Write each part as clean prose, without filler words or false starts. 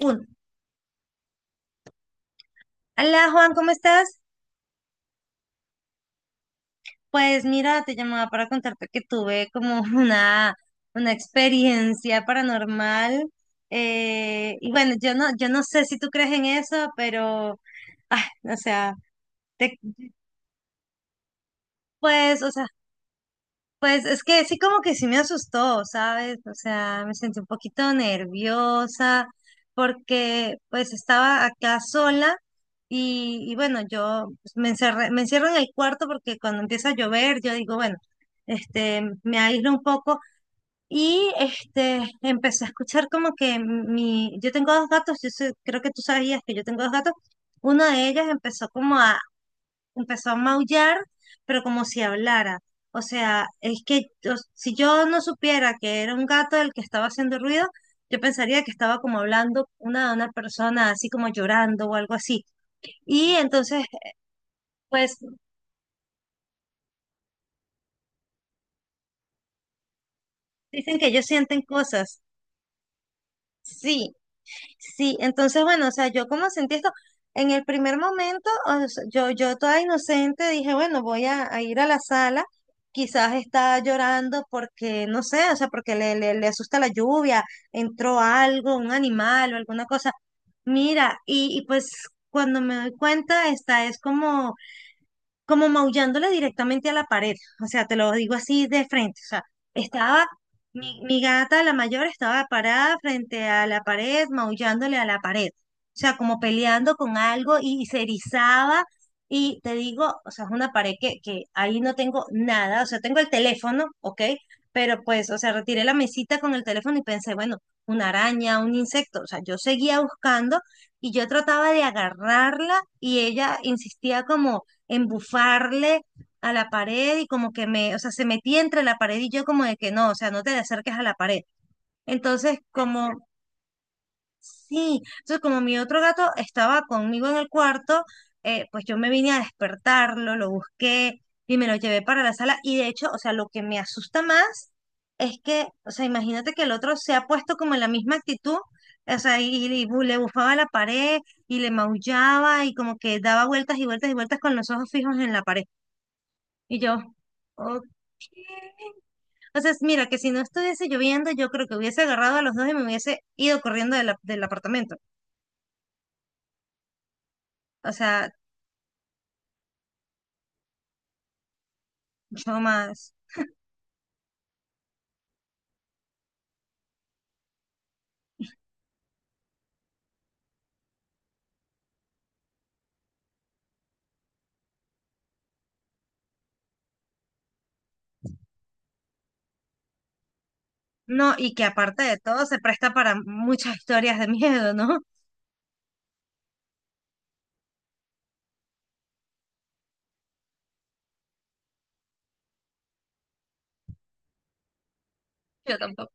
Uno. Hola Juan, ¿cómo estás? Pues mira, te llamaba para contarte que tuve como una experiencia paranormal. Y bueno, yo no sé si tú crees en eso, pero, ay, o sea, te- pues, o sea, pues es que sí como que sí me asustó, ¿sabes? O sea, me sentí un poquito nerviosa porque pues estaba acá sola y bueno, yo pues, me encerré, me encierro en el cuarto porque cuando empieza a llover yo digo, bueno, este, me aíslo un poco y este, empecé a escuchar como que mi, yo tengo dos gatos, creo que tú sabías que yo tengo dos gatos, una de ellas empezó como a empezó a maullar, pero como si hablara. O sea, es que si yo no supiera que era un gato el que estaba haciendo ruido, yo pensaría que estaba como hablando una persona así como llorando o algo así. Y entonces, pues dicen que ellos sienten cosas. Sí, sí, entonces, bueno, o sea, yo como sentí esto, en el primer momento, o sea, yo toda inocente dije, bueno, voy a ir a la sala, quizás está llorando porque, no sé, o sea, porque le asusta la lluvia, entró algo, un animal o alguna cosa. Mira, y pues cuando me doy cuenta, esta es como maullándole directamente a la pared, o sea, te lo digo así de frente, o sea, estaba, mi gata, la mayor, estaba parada frente a la pared, maullándole a la pared, o sea, como peleando con algo y se erizaba, y te digo, o sea, es una pared que ahí no tengo nada, o sea, tengo el teléfono, ¿ok? Pero pues, o sea, retiré la mesita con el teléfono y pensé, bueno, una araña, un insecto, o sea, yo seguía buscando y yo trataba de agarrarla y ella insistía como embufarle a la pared y como que me, o sea, se metía entre la pared y yo como de que no, o sea, no te le acerques a la pared. Entonces, como, sí, entonces como mi otro gato estaba conmigo en el cuarto, pues yo me vine a despertarlo, lo busqué y me lo llevé para la sala y de hecho, o sea, lo que me asusta más es que, o sea, imagínate que el otro se ha puesto como en la misma actitud, o sea, y le bufaba a la pared y le maullaba y como que daba vueltas y vueltas y vueltas con los ojos fijos en la pared. Y yo, ok. O sea, mira, que si no estuviese lloviendo, yo creo que hubiese agarrado a los dos y me hubiese ido corriendo del apartamento. O sea, yo más. No, y que aparte de todo se presta para muchas historias de miedo, ¿no? Yo tampoco.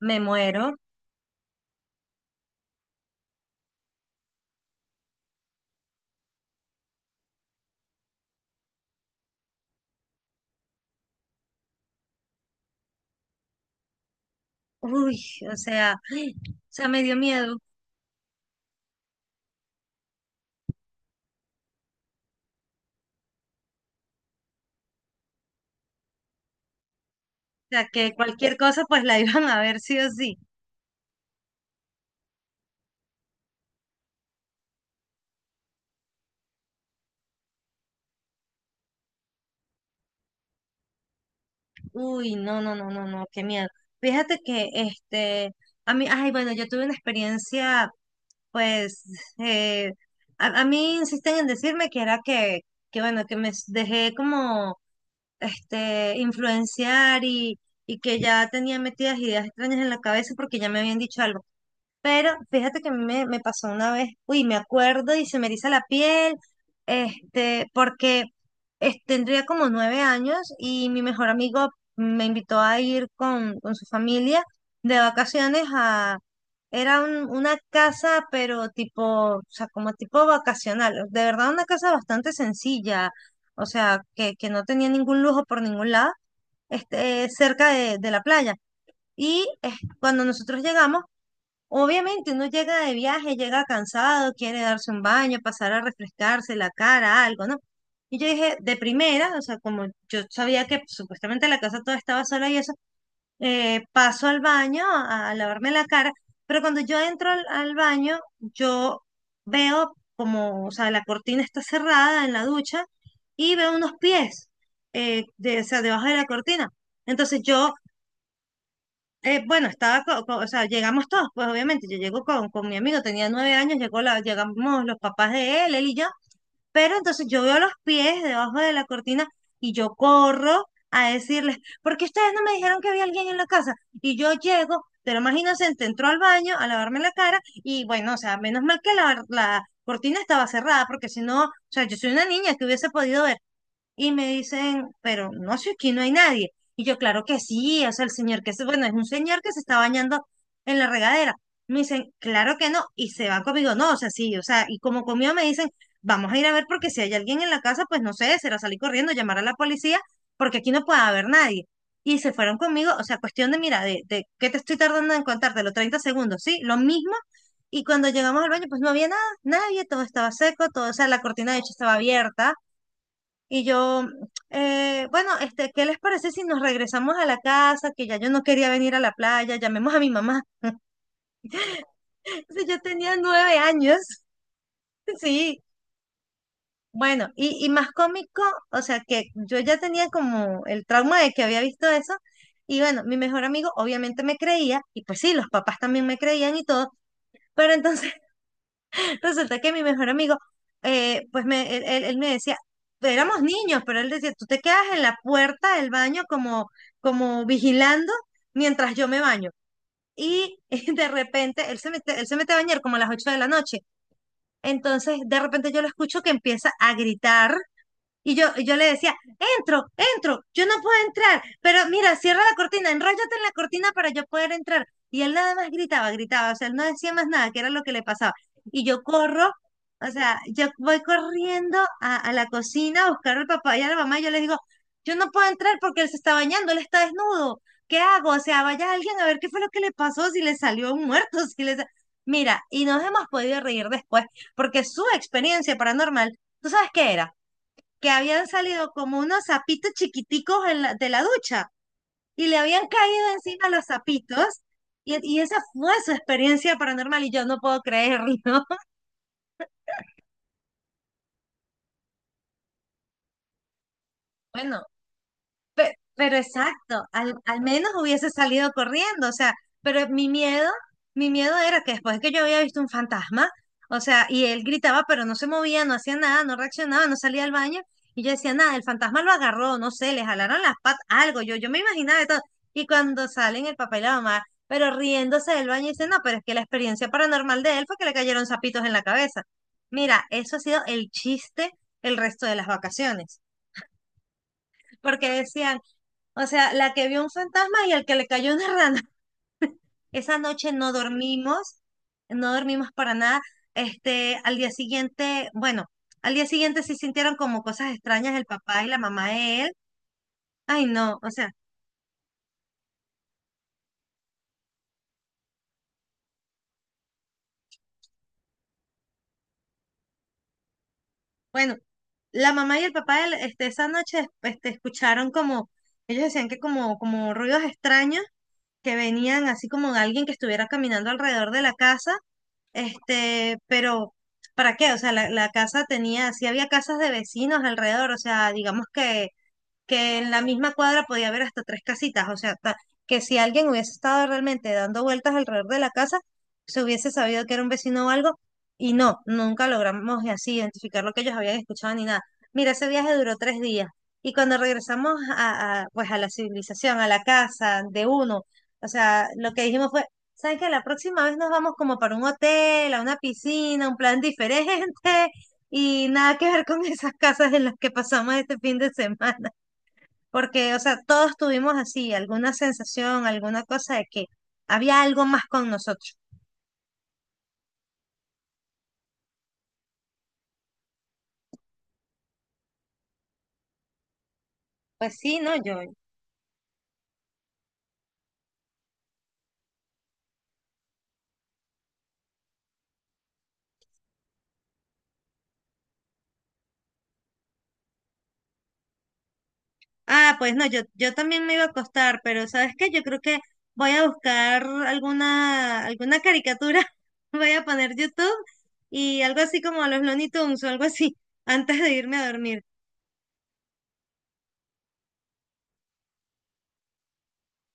Me muero. Uy, o sea, o sea, me dio miedo. O sea, que cualquier cosa pues la iban a ver sí o sí. Uy, no, no, no, no, no, qué miedo. Fíjate que este, a mí, ay, bueno, yo tuve una experiencia. Pues eh, a mí insisten en decirme que era que bueno, que me dejé como este influenciar y que ya tenía metidas ideas extrañas en la cabeza porque ya me habían dicho algo. Pero fíjate que a mí me, pasó una vez, uy, me acuerdo y se me eriza la piel, este, porque tendría como 9 años y mi mejor amigo me invitó a ir con su familia de vacaciones era una casa, pero tipo, o sea, como tipo vacacional, de verdad una casa bastante sencilla, o sea, que no tenía ningún lujo por ningún lado, este, cerca de la playa. Y cuando nosotros llegamos, obviamente uno llega de viaje, llega cansado, quiere darse un baño, pasar a refrescarse la cara, algo, ¿no? Y yo dije, de primera, o sea, como yo sabía que supuestamente la casa toda estaba sola y eso, paso al baño a lavarme la cara, pero cuando yo entro al baño, yo veo como, o sea, la cortina está cerrada en la ducha y veo unos pies, o sea, debajo de la cortina. Entonces yo bueno, estaba, o sea, llegamos todos, pues obviamente, yo llego con mi amigo, tenía 9 años, llegamos los papás de él, él y yo, pero entonces yo veo los pies debajo de la cortina y yo corro a decirles, ¿por qué ustedes no me dijeron que había alguien en la casa? Y yo llego, pero más inocente, entró al baño a lavarme la cara y bueno, o sea, menos mal que la cortina estaba cerrada, porque si no, o sea, yo soy una niña que hubiese podido ver, y me dicen, pero no, si aquí no hay nadie. Y yo, claro que sí, o sea, el señor que se, bueno, es un señor que se está bañando en la regadera. Me dicen, claro que no, y se van conmigo, no, o sea, sí, o sea, y como conmigo me dicen, vamos a ir a ver porque si hay alguien en la casa, pues no sé, será salir corriendo, llamar a la policía, porque aquí no puede haber nadie. Y se fueron conmigo, o sea, cuestión de, mira, de ¿qué te estoy tardando en contarte? Los 30 segundos, ¿sí? Lo mismo. Y cuando llegamos al baño, pues no había nada, nadie, todo estaba seco, todo, o sea, la cortina de hecho estaba abierta y yo, bueno, este, ¿qué les parece si nos regresamos a la casa? Que ya yo no quería venir a la playa, llamemos a mi mamá. Si yo tenía 9 años, sí. Bueno, y más cómico, o sea, que yo ya tenía como el trauma de que había visto eso. Y bueno, mi mejor amigo obviamente me creía, y pues sí, los papás también me creían y todo, pero entonces resulta que mi mejor amigo, él me decía, éramos niños, pero él decía, tú te quedas en la puerta del baño como, vigilando mientras yo me baño. Y de repente él se mete a bañar como a las 8 de la noche. Entonces, de repente yo lo escucho que empieza a gritar y yo le decía, entro, entro, yo no puedo entrar, pero mira, cierra la cortina, enróllate en la cortina para yo poder entrar. Y él nada más gritaba, gritaba, o sea, él no decía más nada, que era lo que le pasaba. Y yo corro, o sea, yo voy corriendo a la cocina a buscar al papá y a la mamá y yo les digo, yo no puedo entrar porque él se está bañando, él está desnudo, ¿qué hago? O sea, vaya alguien a ver qué fue lo que le pasó, si le salió un muerto, si le... sa- Mira, y nos hemos podido reír después, porque su experiencia paranormal, ¿tú sabes qué era? Que habían salido como unos sapitos chiquiticos en de la ducha y le habían caído encima los sapitos. Y esa fue su experiencia paranormal y yo no puedo creerlo. Bueno, pero, exacto, al menos hubiese salido corriendo, o sea, pero mi miedo era que después que yo había visto un fantasma, o sea, y él gritaba, pero no se movía, no hacía nada, no reaccionaba, no salía al baño, y yo decía, nada, el fantasma lo agarró, no sé, le jalaron las patas, algo, yo me imaginaba de todo, y cuando salen el papá y la mamá, pero riéndose del baño, dicen, no, pero es que la experiencia paranormal de él fue que le cayeron zapitos en la cabeza. Mira, eso ha sido el chiste el resto de las vacaciones porque decían, o sea, la que vio un fantasma y el que le cayó una rana. Esa noche no dormimos, no dormimos para nada. Este, al día siguiente, bueno, al día siguiente sí sintieron como cosas extrañas el papá y la mamá de él. Ay, no, o sea, bueno, la mamá y el papá de él, este, esa noche, este, escucharon como, ellos decían que como, ruidos extraños que venían así como de alguien que estuviera caminando alrededor de la casa. Este, pero ¿para qué? O sea, la casa tenía, sí había casas de vecinos alrededor, o sea, digamos que en la misma cuadra podía haber hasta tres casitas, o sea, que si alguien hubiese estado realmente dando vueltas alrededor de la casa, se hubiese sabido que era un vecino o algo, y no, nunca logramos así identificar lo que ellos habían escuchado ni nada. Mira, ese viaje duró 3 días, y cuando regresamos pues a la civilización, a la casa de uno, o sea, lo que dijimos fue, ¿saben qué? La próxima vez nos vamos como para un hotel, a una piscina, un plan diferente, y nada que ver con esas casas en las que pasamos este fin de semana. Porque, o sea, todos tuvimos así alguna sensación, alguna cosa de que había algo más con nosotros. Pues sí, no, yo. Ah, pues no, yo también me iba a acostar, pero ¿sabes qué? Yo creo que voy a buscar alguna caricatura, voy a poner YouTube y algo así como los Looney Tunes o algo así, antes de irme a dormir.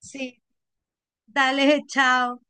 Sí, dale, chao.